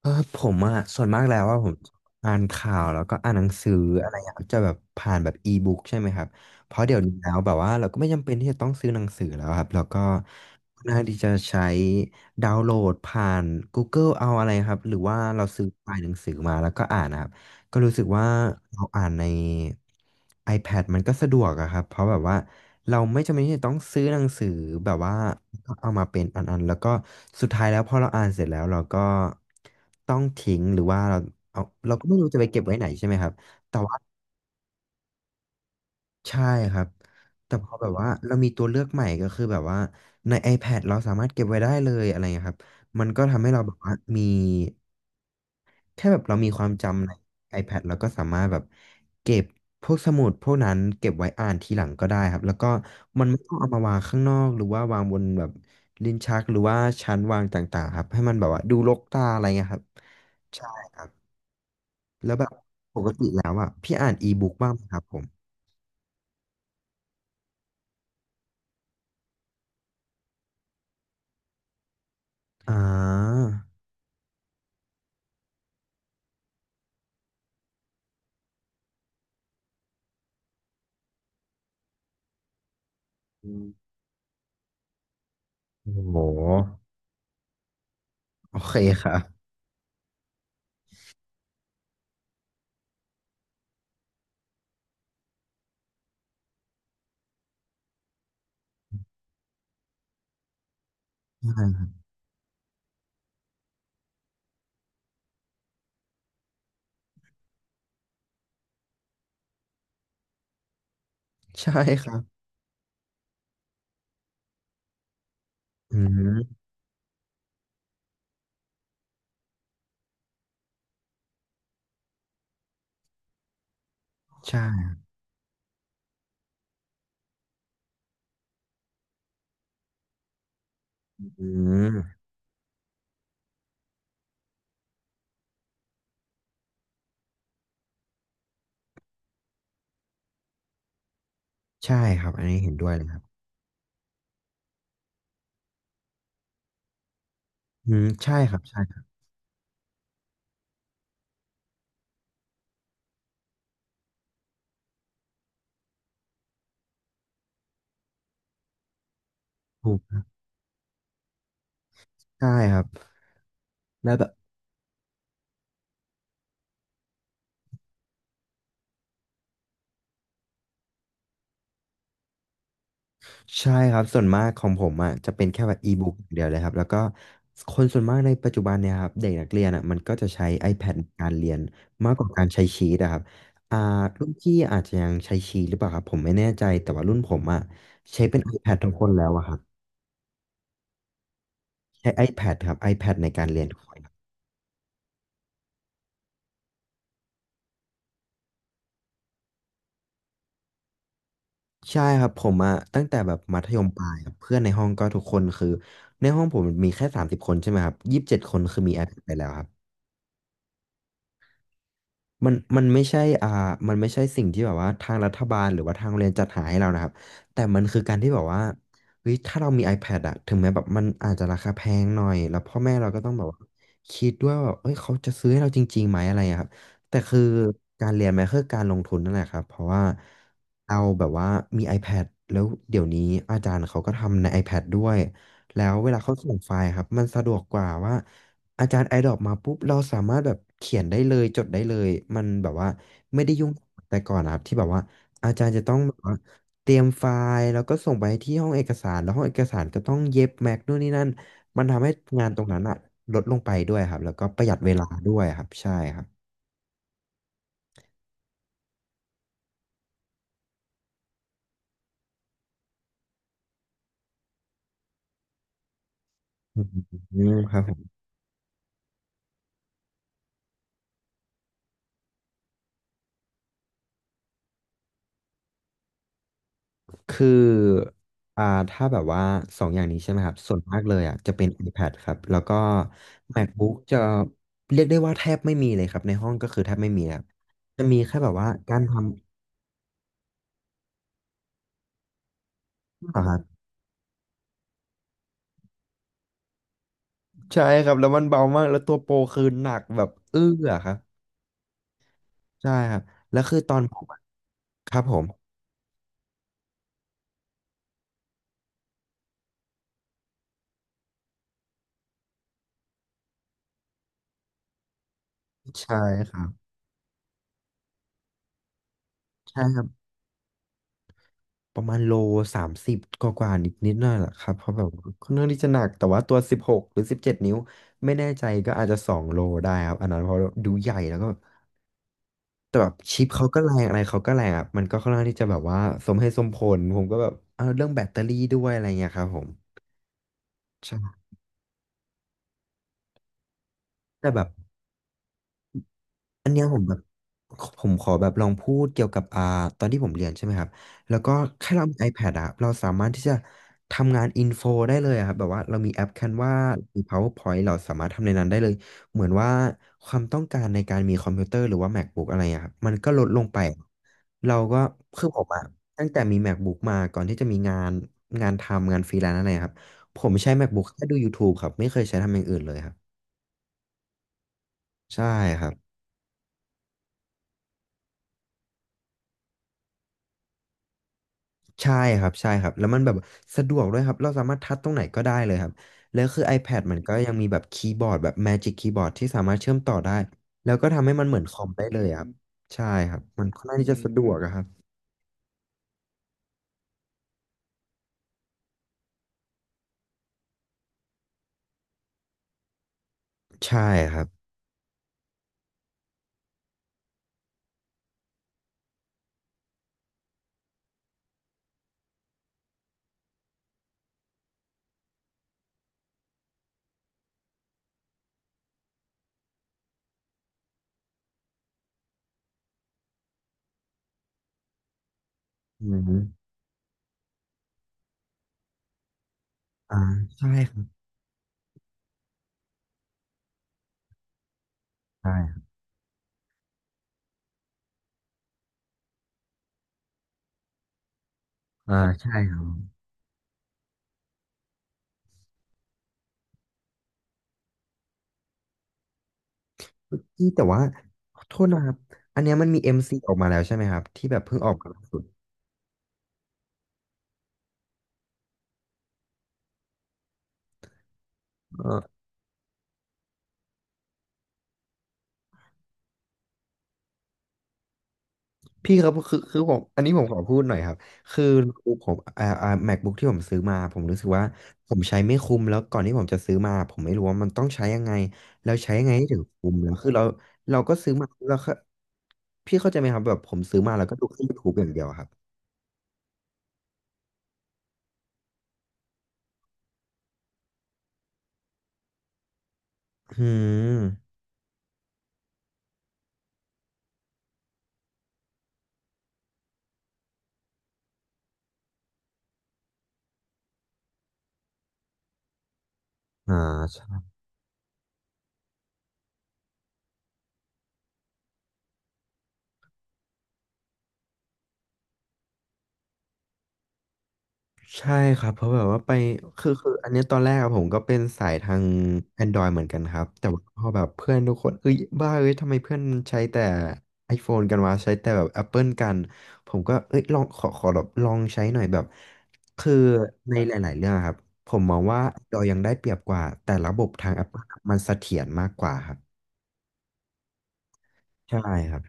ผมอะส่วนมากแล้วว่าผมอ่านข่าวแล้วก็อ่านหนังสืออะไรอย่างเงี้ยจะแบบผ่านแบบอีบุ๊กใช่ไหมครับเพราะเดี๋ยวนี้แล้วแบบว่าเราก็ไม่จำเป็นที่จะต้องซื้อหนังสือแล้วครับแล้วก็น่าที่จะใช้ดาวน์โหลดผ่าน Google เอาอะไรครับหรือว่าเราซื้อไฟล์หนังสือมาแล้วก็อ่านนะครับก็รู้สึกว่าเราอ่านใน iPad มันก็สะดวกอะครับเพราะแบบว่าเราไม่จำเป็นที่จะต้องซื้อหนังสือแบบว่า ก็เอามาเป็นอันๆแล้วก็สุดท้ายแล้วพอเราอ่านเสร็จแล้วเราก็ต้องทิ้งหรือว่าเราเอาเราก็ไม่รู้จะไปเก็บไว้ไหนใช่ไหมครับแต่ว่าใช่ครับแต่พอแบบว่าเรามีตัวเลือกใหม่ก็คือแบบว่าใน iPad เราสามารถเก็บไว้ได้เลยอะไรเงี้ยครับมันก็ทำให้เราแบบว่ามี แค่แบบเรามีความจำใน iPad แล้วก็สามารถแบบเก็บพวกสมุดพวกนั้นเก็บไว้อ่านทีหลังก็ได้ครับแล้วก็มันไม่ต้องเอามาวางข้างนอกหรือว่าวางบนแบบลิ้นชักหรือว่าชั้นวางต่างๆครับให้มันแบบว่าดูรกตาอะไรเงี้ยครับใช่ครับแล้วแบบปกติแล้วอ่ะพี่อ่านอีบุ๊กบ้างไหมครับผมอ่าอืมโอ้โหโอเคครับ อ่าใช่ครับอืมใช่อืมใช่ครับอันนี้เห็นด้วยเลยครับอืมใช่ครับใช่ครับ ใช่ครับแล้วแบบใช่ครับส่วนมากของผมอ่ะจะเป็นแค่แบบอีบุ๊กเดียวเลยครับแล้วก็คนส่วนมากในปัจจุบันเนี่ยครับเด็กนักเรียนอ่ะมันก็จะใช้ iPad ในการเรียนมากกว่าการใช้ชีตอะครับอ่ารุ่นพี่อาจจะยังใช้ชีตหรือเปล่าครับผมไม่แน่ใจแต่ว่ารุ่นผมอ่ะใช้เป็น iPad ทุกคนแล้วอะครับใช้ iPad ครับ iPad ในการเรียนทุกคนครับใช่ครับผมอะตั้งแต่แบบมัธยมปลายครับเพื่อนในห้องก็ทุกคนคือในห้องผมมีแค่สามสิบคนใช่ไหมครับ27คนคือมี iPad ไปแล้วครับ มันไม่ใช่มันไม่ใช่สิ่งที่แบบว่าทางรัฐบาลหรือว่าทางโรงเรียนจัดหาให้เรานะครับแต่มันคือการที่แบบว่าเฮ้ยถ้าเรามี iPad อะถึงแม้แบบมันอาจจะราคาแพงหน่อยแล้วพ่อแม่เราก็ต้องแบบว่าคิดด้วยว่าแบบเอ้ยเขาจะซื้อให้เราจริงๆไหมอะไรอะครับแต่คือการเรียนมันคือการลงทุนนั่นแหละครับเพราะว่าเราแบบว่ามี iPad แล้วเดี๋ยวนี้อาจารย์เขาก็ทำใน iPad ด้วยแล้วเวลาเขาส่งไฟล์ครับมันสะดวกกว่าว่า อาจารย์ไอดรอปมาปุ๊บเราสามารถแบบเขียนได้เลยจดได้เลยมันแบบว่าไม่ได้ยุ่งแต่ก่อนนะครับที่แบบว่าอาจารย์จะต้องแบบว่าเตรียมไฟล์แล้วก็ส่งไปที่ห้องเอกสารแล้วห้องเอกสารก็ต้องเย็บแม็กนู่นนี่นั่นมันทำให้งานตรงนั้นอะลดลงไปด้วยครับแล้วก็ประหยัดเวลาด้วยครับใช่ครับอืมครับ คืออ่าถ้าแบบว่าสองอย่างนี้ใช่ไหมครับส่วนมากเลยอ่ะจะเป็น iPad ครับแล้วก็ MacBook จะเรียกได้ว่าแทบไม่มีเลยครับในห้องก็คือแทบไม่มีครับจะมีแค่แบบว่าการทำอ่าครับใช่ครับแล้วมันเบามากแล้วตัวโปรคือหนักแบบเอื้อครับใช่ครับแล้วคือตอนผมอะครับผมใช่ครับใช่ครับ ประมาณโล30กว่านิดนิดหน่อยแหละครับเพราะแบบค่อนข้างที่จะหนักแต่ว่าตัว16หรือสิบเจ็ดนิ้วไม่แน่ใจก็อาจจะ2 โลได้ครับอันนั้นเพราะดูใหญ่แล้วก็แต่แบบชิปเขาก็แรงอะไรเขาก็แรงอ่ะมันก็ค่อนข้างที่จะแบบว่าสมเหตุสมผลผมก็แบบเอาเรื่องแบตเตอรี่ด้วยอะไรเงี้ยครับผมใช่แต่แบบ อันเนี้ยผมแบบผมขอแบบลองพูดเกี่ยวกับตอนที่ผมเรียนใช่ไหมครับแล้วก็แค่เรามี iPad อะเราสามารถที่จะทำงานอินโฟได้เลยอะครับแบบว่าเรามีแอป Canva มี PowerPoint เราสามารถทำในนั้นได้เลยเหมือนว่าความต้องการในการมีคอมพิวเตอร์หรือว่า MacBook อะไรอะครับมันก็ลดลงไปเราก็คือผมอะตั้งแต่มี MacBook มาก่อนที่จะมีงานทำงานฟรีแลนซ์อะไรอะครับผมใช้ MacBook แค่ดู YouTube ครับไม่เคยใช้ทำอย่างอื่นเลยครับใช่ครับ ใช่ใช่ครับแล้วมันแบบสะดวกด้วยครับเราสามารถทัชตรงไหนก็ได้เลยครับแล้วคือ iPad มันก็ยังมีแบบคีย์บอร์ดแบบ Magic Keyboard ที่สามารถเชื่อมต่อได้แล้วก็ทำให้มันเหมือนคอมได้เลยครับใช่ครับมันค่อนข้างที่จะสะดวกอะครับใช่ครับอืมอ่าใช่ครับใช่ครับอ่าใช่ครับพี่แต่ว่าขอโทษนะครับอันเนี้ยมันมีเอ็มซีออกมาแล้วใช่ไหมครับที่แบบเพิ่งออกมาล่าสุด พี่ครับคือผมอันนี้ผมขอพูดหน่อยครับคือผมMacBook ที่ผมซื้อมาผมรู้สึกว่าผมใช้ไม่คุ้มแล้วก่อนที่ผมจะซื้อมาผมไม่รู้ว่ามันต้องใช้ยังไงแล้วใช้ยังไงให้ถึงคุ้มแล้วคือเราก็ซื้อมาแล้วก็พี่เข้าใจไหมครับแบบผมซื้อมาแล้วก็ดูแค่ YouTube อย่างเดียวอะครับอืมอ่า ใช่ครับเพราะแบบว่าไปคืออันเนี้ยตอนแรกอะผมก็เป็นสายทาง Android เหมือนกันครับแต่ว่าพอแบบเพื่อนทุกคนเอ้ยบ้าเอ้ยทำไมเพื่อนใช้แต่ iPhone กันวะใช้แต่แบบ Apple กันผมก็เอ้ยลองขอแบบลองใช้หน่อยแบบคือในหลายๆเรื่องอะครับผมมองว่า Android ยังได้เปรียบกว่าแต่ระบบทาง Apple อะมันเสถียรมากกว่าครับใช่ครับ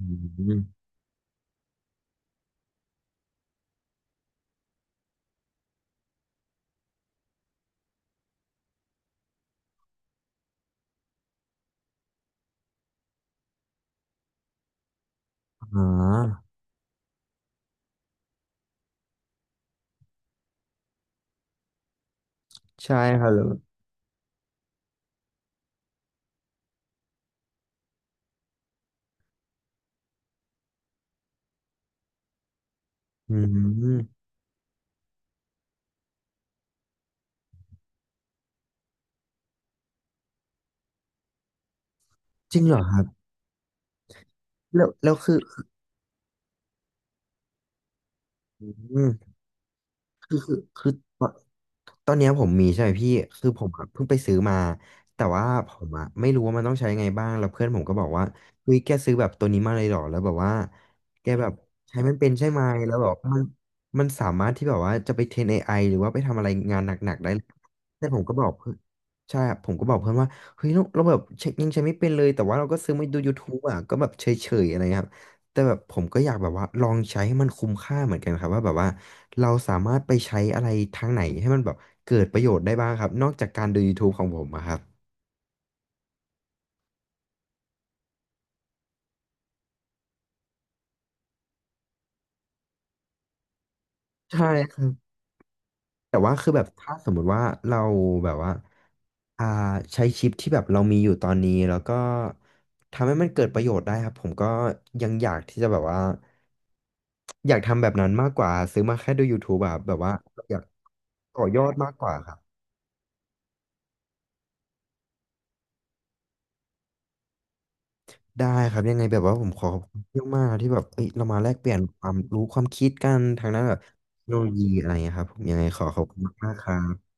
อืมอ๋อใช่ครับแล้วอืมจริงเหรอครับแล้วคืออืม คือตอนตอนเนี้ยผมมีใช่ไหมพี่คือผมอะเพิ่งไปซื้อมาแต่ว่าผมอะไม่รู้ว่ามันต้องใช้ไงบ้างแล้วเพื่อนผมก็บอกว่าเฮ้ยแกซื้อแบบตัวนี้มาเลยเหรอแล้วแบบว่าแกแบบใช้มันเป็นใช่ไหมแล้วแบบมันสามารถที่แบบว่าจะไปเทรน AI หรือว่าไปทำอะไรงานหนักๆได้เลยแต่ผมก็บอกเพื่อนใช่ครับผมก็บอกเพื่อนว่าเฮ้ยเราแบบเช็คยังใช้ไม่เป็นเลยแต่ว่าเราก็ซื้อมาดู YouTube อะก็แบบเฉยๆอะไรเงี้ยครับ แต่แบบผมก็อยากแบบว่าลองใช้ให้มันคุ้มค่าเหมือนกันครับว่าแบบว่าเราสามารถไปใช้อะไรทางไหนให้มันแบบเกิดประโยชน์ได้บ้างครับนอกจากการดู YouTube ของผมอะครับใช่ครับแต่ว่าคือแบบถ้าสมมุติว่าเราแบบว่าอ่าใช้ชิปที่แบบเรามีอยู่ตอนนี้แล้วก็ทำให้มันเกิดประโยชน์ได้ครับผมก็ยังอยากที่จะแบบว่าอยากทำแบบนั้นมากกว่าซื้อมาแค่ดู YouTube แบบแบบว่าอยากต่อยอดมากกว่าครับ ได้ครับยังไงแบบว่าผมขอบคุณเยอะมากที่แบบเอ้ยเรามาแลกเปลี่ยนความรู้ความคิดกันทางด้านแบบเทคโนโลยีอะไรเงี้ยครับผมยังไงขอขอบคุณมากๆครับ